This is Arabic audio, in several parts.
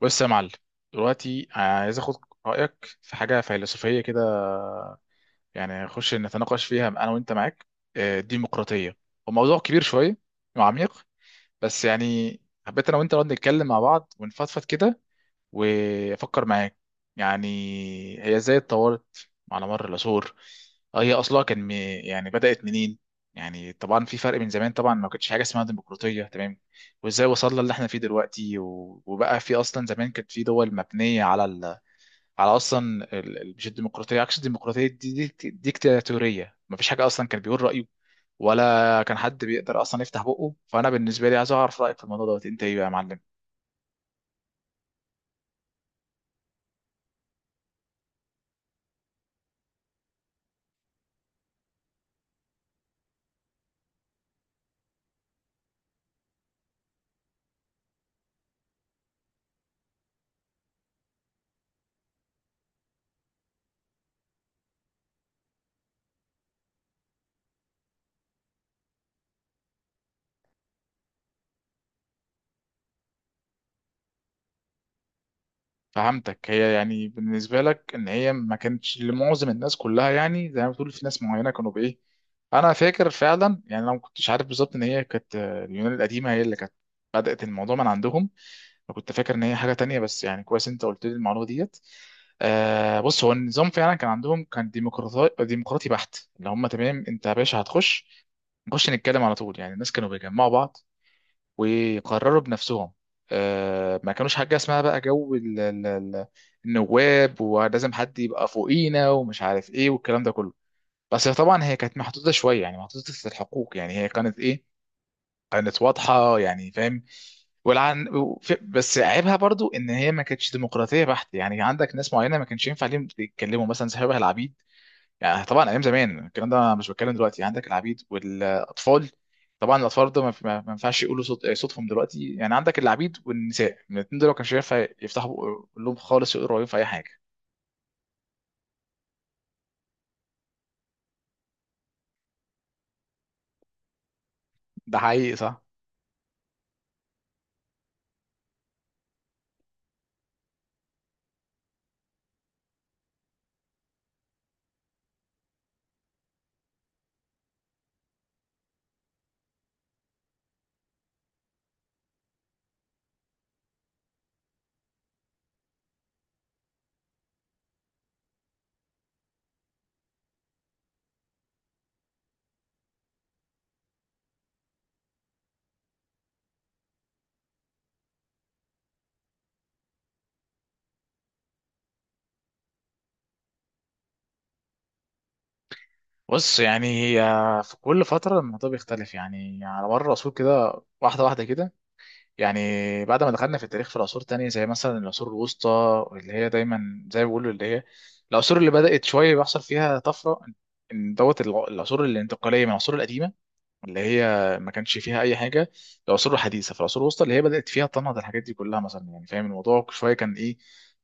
بص يا معلم، دلوقتي عايز اخد رايك في حاجه فيلسوفيه كده. يعني نخش نتناقش فيها انا وانت. معاك؟ الديمقراطيه وموضوع كبير شويه وعميق. بس يعني حبيت انا وانت نقعد نتكلم مع بعض ونفضفض كده وافكر معاك. يعني هي ازاي اتطورت على مر العصور؟ هي اصلها كان يعني بدأت منين؟ يعني طبعا في فرق، من زمان طبعا ما كانتش حاجه اسمها ديمقراطيه، تمام؟ وازاي وصلنا اللي احنا فيه دلوقتي؟ وبقى في اصلا زمان كانت في دول مبنيه على على اصلا مش الديمقراطيه، عكس الديمقراطيه، ديكتاتوريه. ما فيش حاجه اصلا، كان بيقول رايه ولا كان حد بيقدر اصلا يفتح بقه. فانا بالنسبه لي عايز اعرف رايك في الموضوع دوت، انت ايه بقى يا معلم؟ فهمتك، هي يعني بالنسبة لك إن هي ما كانتش لمعظم الناس كلها، يعني زي ما بتقول في ناس معينة كانوا بإيه. أنا فاكر فعلا، يعني أنا ما كنتش عارف بالظبط إن هي كانت، اليونان القديمة هي اللي كانت بدأت الموضوع من عندهم. أنا كنت فاكر إن هي حاجة تانية، بس يعني كويس أنت قلت لي المعلومة ديت. آه، بص هو النظام فعلا كان عندهم، كان ديمقراطي، ديمقراطي بحت اللي هم، تمام؟ أنت يا باشا هتخش نخش نتكلم على طول. يعني الناس كانوا بيجمعوا بعض وقرروا بنفسهم. ما كانوش حاجة اسمها بقى جو النواب ولازم حد يبقى فوقينا ومش عارف ايه والكلام ده كله. بس طبعا هي كانت محدودة شوية، يعني محدودة الحقوق، يعني هي كانت ايه، كانت واضحة يعني، فاهم؟ بس عيبها برضو ان هي ما كانتش ديمقراطية بحت، يعني عندك ناس معينة ما كانش ينفع ليهم يتكلموا، مثلا شبه العبيد. يعني طبعا ايام زمان الكلام ده، مش بتكلم دلوقتي، عندك العبيد والاطفال. طبعا الاطفال ده ما ينفعش يقولوا صوت، صوتهم دلوقتي. يعني عندك العبيد والنساء، من الاثنين دول ما كانش ينفع يفتحوا لهم خالص، يقروا عليهم في اي حاجه. ده حقيقي صح. بص يعني هي في كل فتره الموضوع بيختلف، يعني على مر العصور كده، واحده واحده كده. يعني بعد ما دخلنا في التاريخ في العصور التانية، زي مثلا العصور الوسطى اللي هي دايما زي ما بيقولوا اللي هي العصور اللي بدأت شوية بيحصل فيها طفرة. ان دوت العصور الانتقالية من العصور القديمة اللي هي ما كانش فيها اي حاجه. العصور الحديثه، في العصور الوسطى اللي هي بدات فيها تنهض الحاجات دي كلها، مثلا، يعني فاهم الموضوع شويه كان ايه؟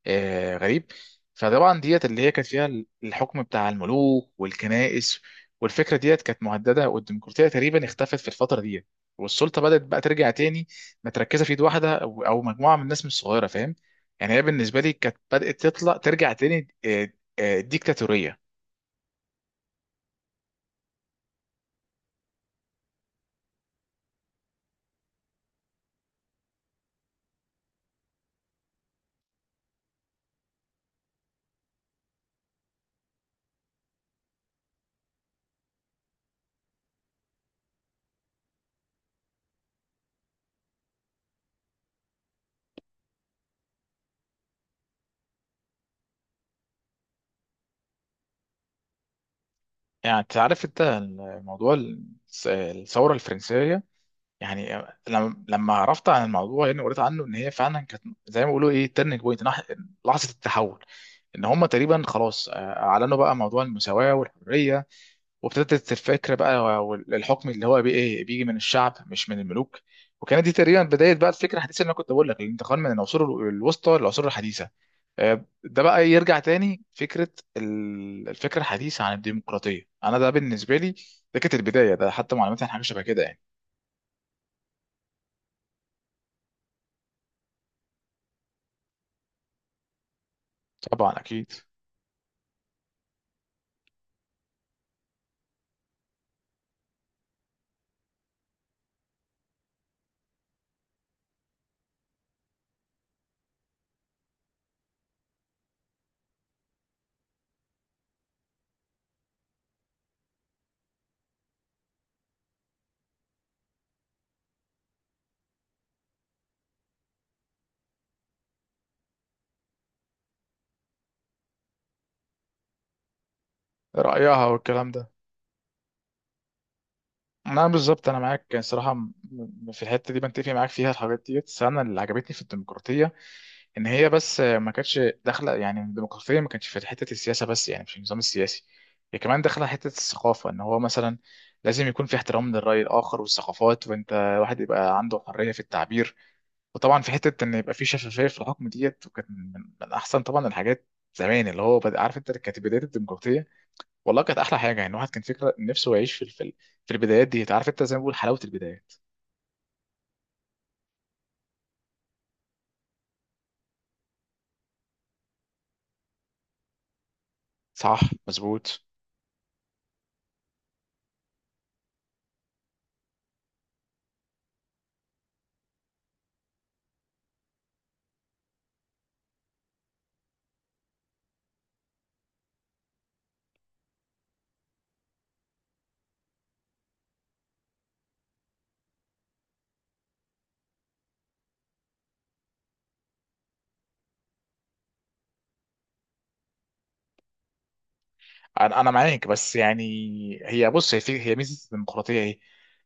آه غريب. فطبعا ديت اللي هي كانت فيها الحكم بتاع الملوك والكنائس، والفكره ديت كانت مهدده، والديمقراطيه تقريبا اختفت في الفتره ديت. والسلطه بدات بقى ترجع تاني متركزه في ايد واحده، او مجموعه من الناس مش صغيره، فاهم؟ يعني هي بالنسبه لي كانت بدات تطلع ترجع تاني، ديكتاتوريه. يعني تعرف انت الموضوع، الثوره الفرنسيه، يعني لما عرفت عن الموضوع، يعني قريت عنه ان هي فعلا كانت زي ما بيقولوا ايه، تيرنينج بوينت، لحظه التحول. ان هم تقريبا خلاص، اعلنوا بقى موضوع المساواه والحريه، وابتدت الفكره بقى والحكم اللي هو بي ايه بيجي من الشعب مش من الملوك. وكانت دي تقريبا بدايه بقى الفكره الحديثه، اللي انا كنت بقول لك، الانتقال من العصور الوسطى للعصور الحديثه. ده بقى يرجع تاني فكره الفكره الحديثه عن الديمقراطيه. انا ده بالنسبه لي، ده كانت البدايه، ده حتى معلوماتي عن حاجه شبه كده يعني. طبعا اكيد. رأيها والكلام ده. انا بالظبط انا معاك، يعني صراحه في الحته دي بنتفق معاك فيها، الحاجات دي. بس انا اللي عجبتني في الديمقراطيه ان هي، بس ما كانتش داخله، يعني الديمقراطيه ما كانتش في حته السياسه بس، يعني مش النظام السياسي، هي كمان داخله حته الثقافه. ان هو مثلا لازم يكون في احترام للراي الاخر والثقافات، وانت الواحد يبقى عنده حريه في التعبير. وطبعا في حته ان يبقى في شفافيه في الحكم ديت، وكان من احسن طبعا الحاجات زمان اللي هو عارف انت، كانت بدايه الديمقراطيه. والله كانت احلى حاجه، يعني الواحد كان فكره نفسه يعيش في في البدايات دي، عارف انت، زي ما بقول حلاوه البدايات. صح. مظبوط. انا معاك. بس يعني هي، بص هي في، هي ميزه الديمقراطيه ايه،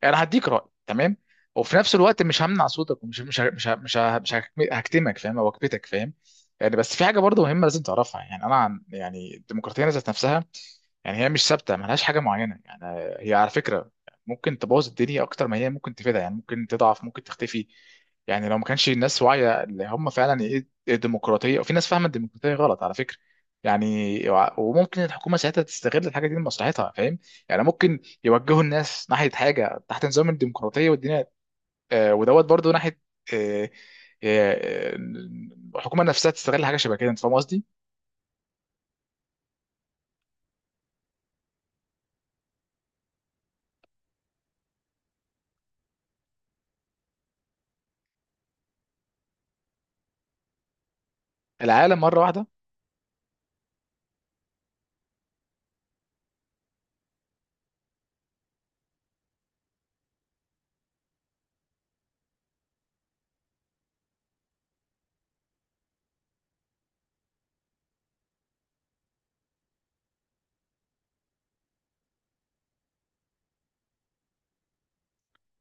انا هديك راي، تمام، وفي نفس الوقت مش همنع صوتك، ومش مش مش مش مش هكتمك، فاهم؟ او اكبتك، فاهم؟ يعني بس في حاجه برضه مهمه لازم تعرفها، يعني انا عن يعني الديمقراطيه ذات نفسها. يعني هي مش ثابته، ملهاش حاجه معينه يعني، هي على فكره ممكن تبوظ الدنيا اكتر ما هي ممكن تفيدها. يعني ممكن تضعف، ممكن تختفي. يعني لو ما كانش الناس واعيه اللي هم فعلا ايه الديمقراطيه، وفي ناس فاهمه الديمقراطيه غلط على فكره. يعني وممكن الحكومه ساعتها تستغل الحاجه دي لمصلحتها، فاهم؟ يعني ممكن يوجهوا الناس ناحيه حاجه تحت نظام الديمقراطيه والدنيا، آه ودوت برضو ناحيه، آه آه آه، الحكومه نفسها تستغل حاجه شبه كده، انت فاهم قصدي. العالم مره واحده.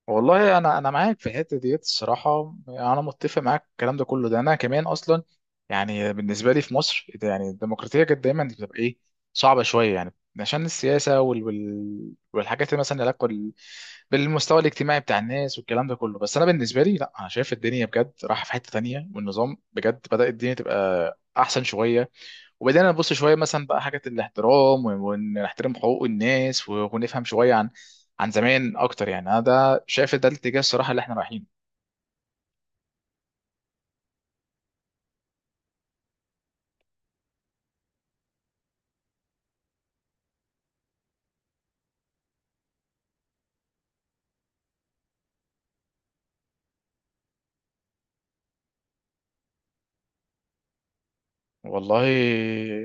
والله انا معاك في الحته ديت. الصراحه انا متفق معاك في الكلام ده كله. ده انا كمان اصلا، يعني بالنسبه لي، في مصر إيه ده، يعني الديمقراطيه كانت دايما بتبقى ايه، صعبه شويه، يعني عشان السياسه والحاجات اللي مثلا علاقه بالمستوى الاجتماعي بتاع الناس والكلام ده كله. بس انا بالنسبه لي لا، انا شايف الدنيا بجد رايحه في حته تانية، والنظام بجد بدأ الدنيا تبقى احسن شويه. وبدأنا نبص شوية مثلا بقى حاجة الاحترام، ونحترم حقوق الناس، ونفهم شوية عن، عن زمان أكتر، يعني أنا ده شايف ده الاتجاه الصراحة اللي احنا رايحينه. والله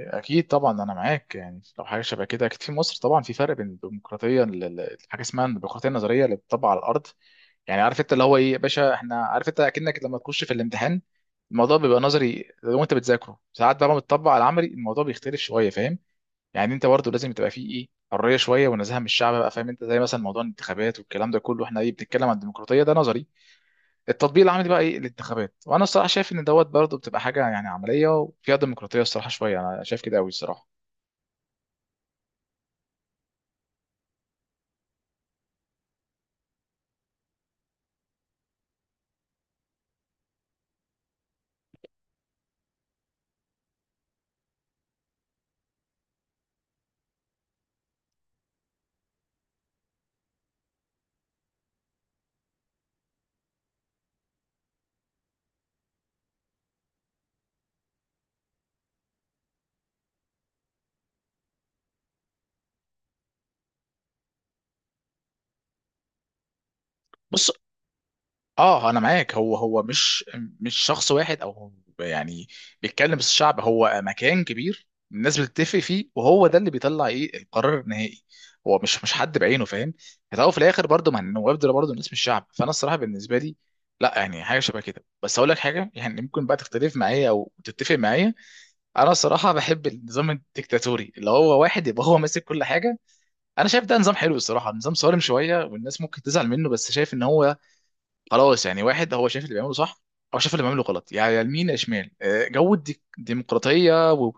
أكيد طبعا أنا معاك، يعني لو حاجة شبه كده. أكيد في مصر طبعا في فرق بين الديمقراطية حاجة اسمها الديمقراطية النظرية اللي بتطبق على الأرض. يعني عارف أنت اللي هو إيه يا باشا، إحنا عارف أنت أكنك لما تخش في الامتحان، الموضوع بيبقى نظري لو أنت بتذاكره ساعات، بقى لما بتطبق على العملي الموضوع بيختلف شوية، فاهم؟ يعني انت برضه لازم تبقى فيه ايه، حريه شويه ونزاهه من الشعب، بقى فاهم انت، زي مثلا موضوع الانتخابات والكلام ده كله. احنا ايه، بنتكلم عن الديمقراطيه، ده نظري. التطبيق العملي بقى ايه، الانتخابات. وانا الصراحه شايف ان دوت برضه بتبقى حاجه يعني عمليه وفيها ديمقراطيه الصراحه شويه، انا شايف كده قوي الصراحه. بص، اه انا معاك. هو هو مش، مش شخص واحد او هو يعني بيتكلم بس، الشعب هو مكان كبير الناس بتتفق فيه، وهو ده اللي بيطلع ايه، القرار النهائي. هو مش، مش حد بعينه، فاهم؟ في الأول وفي الاخر برضه، ما النواب دول برضه الناس، مش شعب. فانا الصراحه بالنسبه لي لا، يعني حاجه شبه كده. بس اقول لك حاجه يعني، ممكن بقى تختلف معايا او تتفق معايا. انا الصراحه بحب النظام الديكتاتوري، اللي هو واحد يبقى هو ماسك كل حاجه. انا شايف ده نظام حلو الصراحه، نظام صارم شويه والناس ممكن تزعل منه، بس شايف ان هو خلاص، يعني واحد هو شايف اللي بيعمله صح، او شايف اللي بيعمله غلط، يعني يا يمين يا شمال. جو الديمقراطيه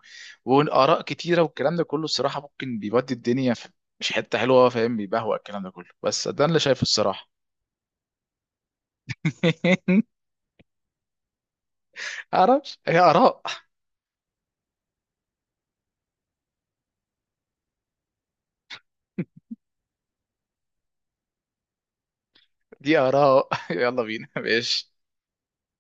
واراء كتيره والكلام ده كله، الصراحه ممكن بيودي الدنيا في مش حته حلوه، فاهم؟ بيبهوأ الكلام ده كله، بس ده اللي شايفه الصراحه. معرفش، هي اراء. دي اراء. يلا بينا، ماشي.